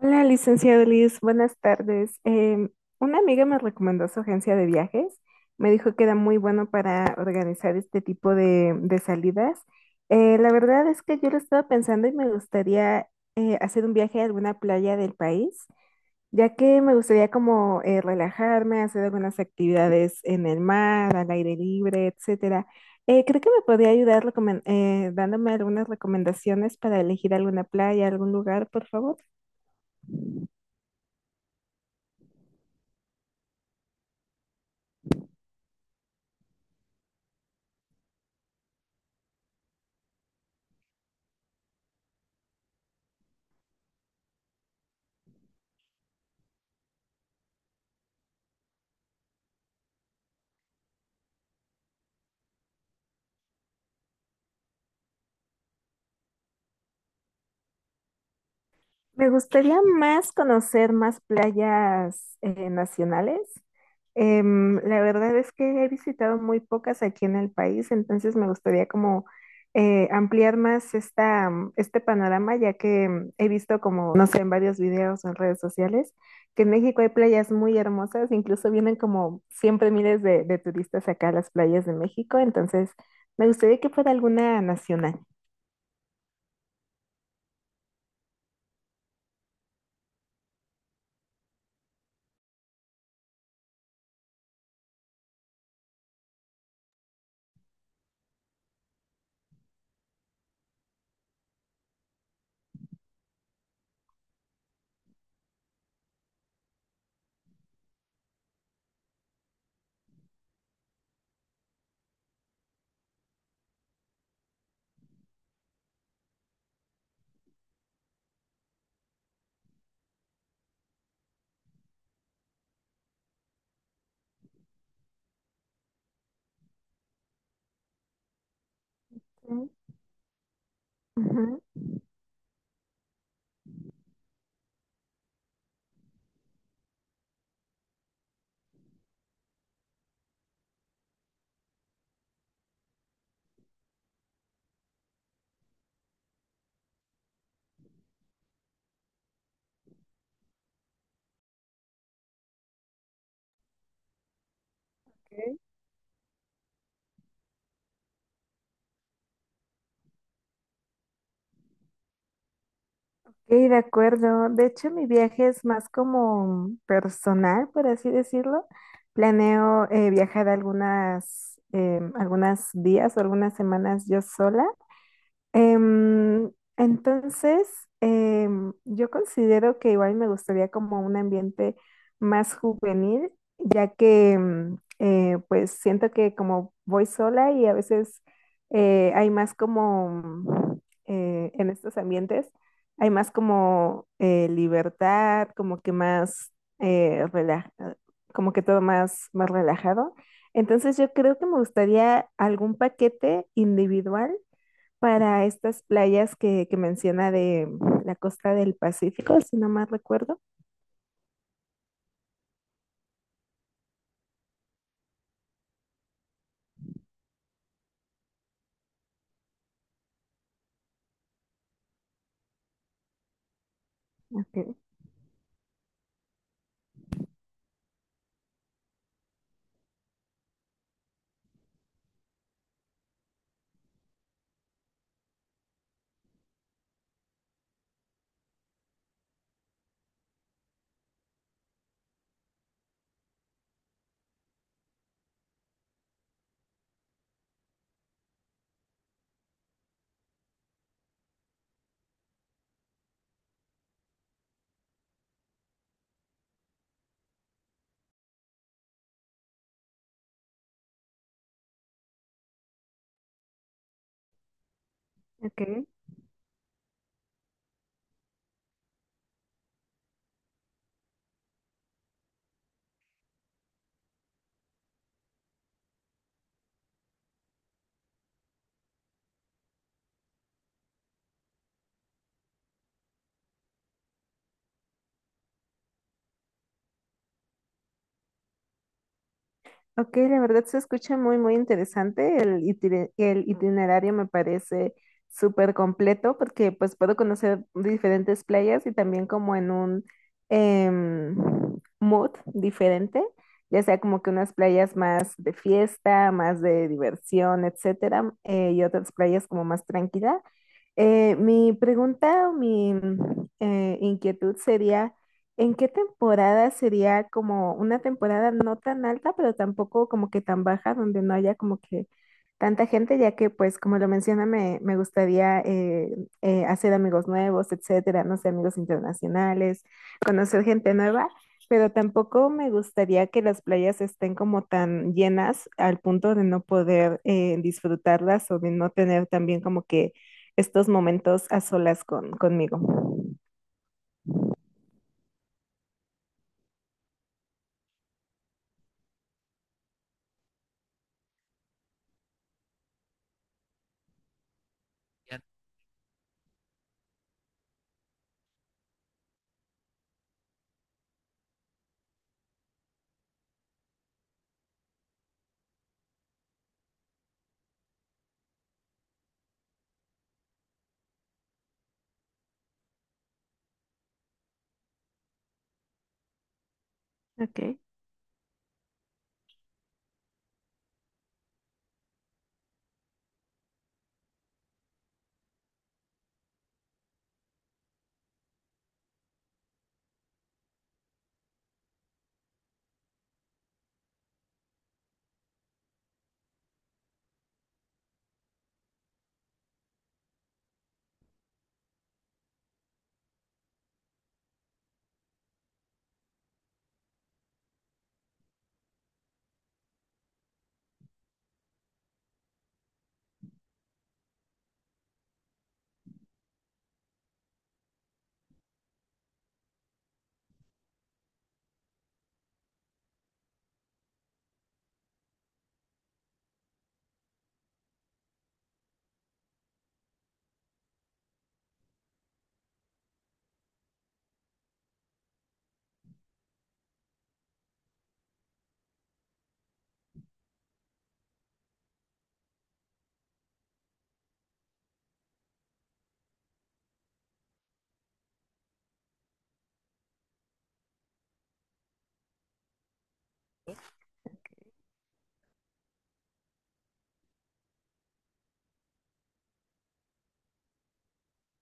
Hola, licenciado Liz, buenas tardes. Una amiga me recomendó su agencia de viajes. Me dijo que era muy bueno para organizar este tipo de salidas. La verdad es que yo lo estaba pensando y me gustaría hacer un viaje a alguna playa del país, ya que me gustaría como relajarme, hacer algunas actividades en el mar, al aire libre, etcétera. Creo que me podría ayudar dándome algunas recomendaciones para elegir alguna playa, algún lugar, por favor. Me gustaría más conocer más playas nacionales. La verdad es que he visitado muy pocas aquí en el país, entonces me gustaría como ampliar más este panorama, ya que he visto como, no sé, en varios videos o en redes sociales, que en México hay playas muy hermosas, incluso vienen como siempre miles de turistas acá a las playas de México, entonces me gustaría que fuera alguna nacional. Ujú. Sí, de acuerdo. De hecho, mi viaje es más como personal, por así decirlo. Planeo viajar algunas días o algunas semanas yo sola. Em, entonces, yo considero que igual me gustaría como un ambiente más juvenil, ya que pues siento que como voy sola y a veces hay más como en estos ambientes, hay más como libertad, como que más eh, rela- como que todo más, más relajado. Entonces yo creo que me gustaría algún paquete individual para estas playas que menciona de la costa del Pacífico, si no mal recuerdo. Ok, ok. Ok, la verdad se escucha muy, muy interesante. El itinerario me parece súper completo porque pues puedo conocer diferentes playas y también como en un em, mood diferente, ya sea como que unas playas más de fiesta, más de diversión, etcétera, y otras playas como más tranquila. Mi pregunta o mi inquietud sería, ¿en qué temporada sería como una temporada no tan alta, pero tampoco como que tan baja, donde no haya como que tanta gente, ya que pues como lo menciona, me gustaría hacer amigos nuevos, etcétera, no sé, amigos internacionales, conocer gente nueva, pero tampoco me gustaría que las playas estén como tan llenas al punto de no poder disfrutarlas o de no tener también como que estos momentos a solas conmigo? Ok.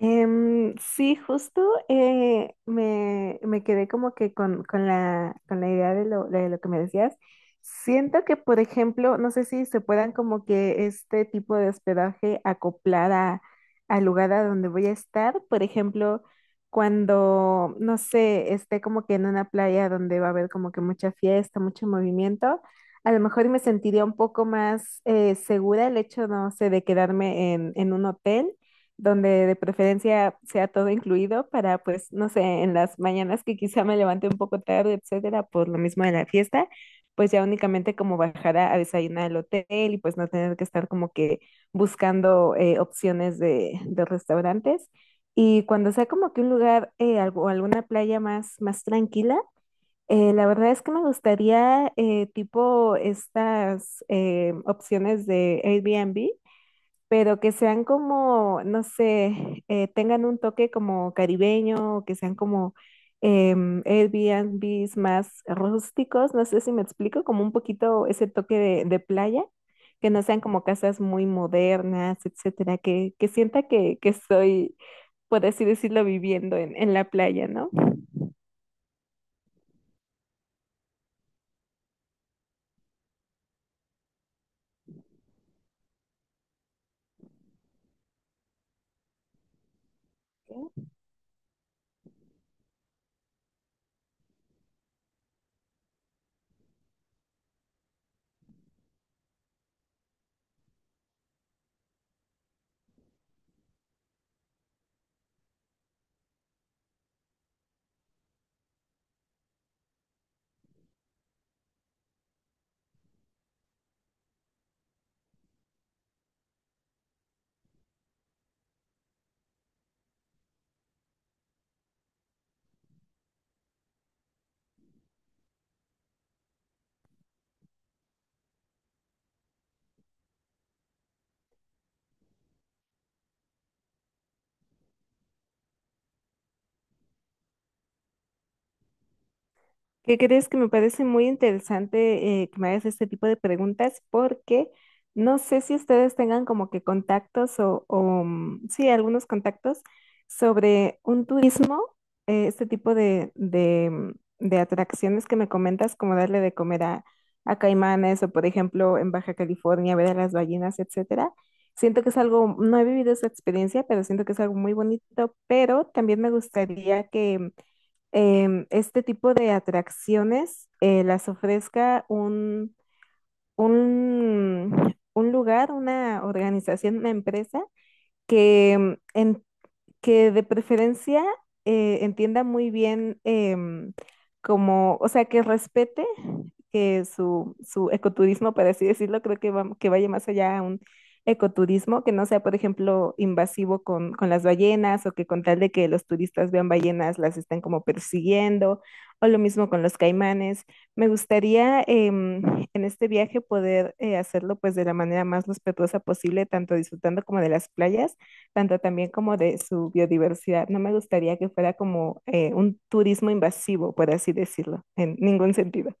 Sí, justo me quedé como que con la idea de de lo que me decías. Siento que, por ejemplo, no sé si se puedan como que este tipo de hospedaje acoplar al lugar a donde voy a estar. Por ejemplo, cuando, no sé, esté como que en una playa donde va a haber como que mucha fiesta, mucho movimiento. A lo mejor me sentiría un poco más segura el hecho, no sé, de quedarme en un hotel donde de preferencia sea todo incluido para, pues, no sé, en las mañanas que quizá me levante un poco tarde, etcétera, por lo mismo de la fiesta, pues ya únicamente como bajar a desayunar al hotel y pues no tener que estar como que buscando opciones de restaurantes. Y cuando sea como que un lugar alguna playa más, más tranquila, la verdad es que me gustaría tipo estas opciones de Airbnb, pero que sean como, no sé, tengan un toque como caribeño, o que sean como Airbnbs más rústicos, no sé si me explico, como un poquito ese toque de playa, que no sean como casas muy modernas, etcétera, que sienta que estoy, por así decirlo, viviendo en la playa, ¿no? ¿Qué crees? Que me parece muy interesante que me hagas este tipo de preguntas. Porque no sé si ustedes tengan como que contactos sí, algunos contactos sobre un turismo, este tipo de atracciones que me comentas, como darle de comer a caimanes o, por ejemplo, en Baja California, ver a las ballenas, etcétera. Siento que es algo, no he vivido esa experiencia, pero siento que es algo muy bonito, pero también me gustaría que este tipo de atracciones las ofrezca un lugar, una organización, una empresa que em, en que de preferencia entienda muy bien como, o sea, que respete que su ecoturismo, por así decirlo, creo que que vaya más allá a un ecoturismo, que no sea, por ejemplo, invasivo con las ballenas o que con tal de que los turistas vean ballenas las estén como persiguiendo, o lo mismo con los caimanes. Me gustaría en este viaje poder hacerlo pues de la manera más respetuosa posible, tanto disfrutando como de las playas tanto también como de su biodiversidad. No me gustaría que fuera como un turismo invasivo, por así decirlo, en ningún sentido.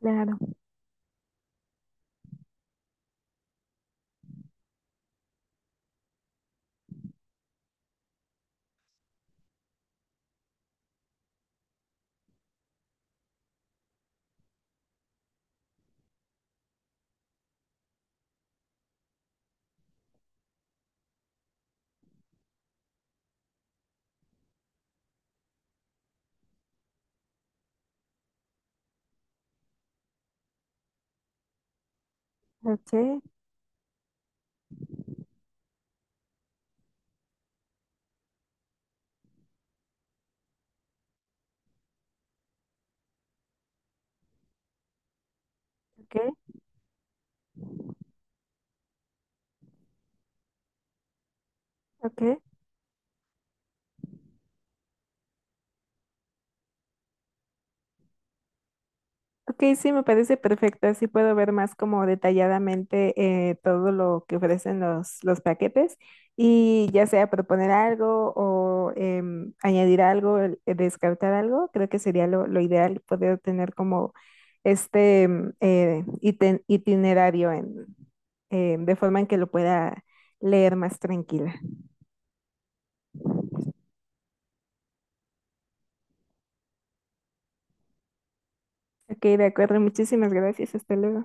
Claro, ok, ok, ok. Ok, sí, me parece perfecto. Así puedo ver más como detalladamente todo lo que ofrecen los paquetes, y ya sea proponer algo o añadir algo, descartar algo. Creo que sería lo ideal poder tener como este itinerario de forma en que lo pueda leer más tranquila. Ok, de acuerdo. Muchísimas gracias. Hasta luego.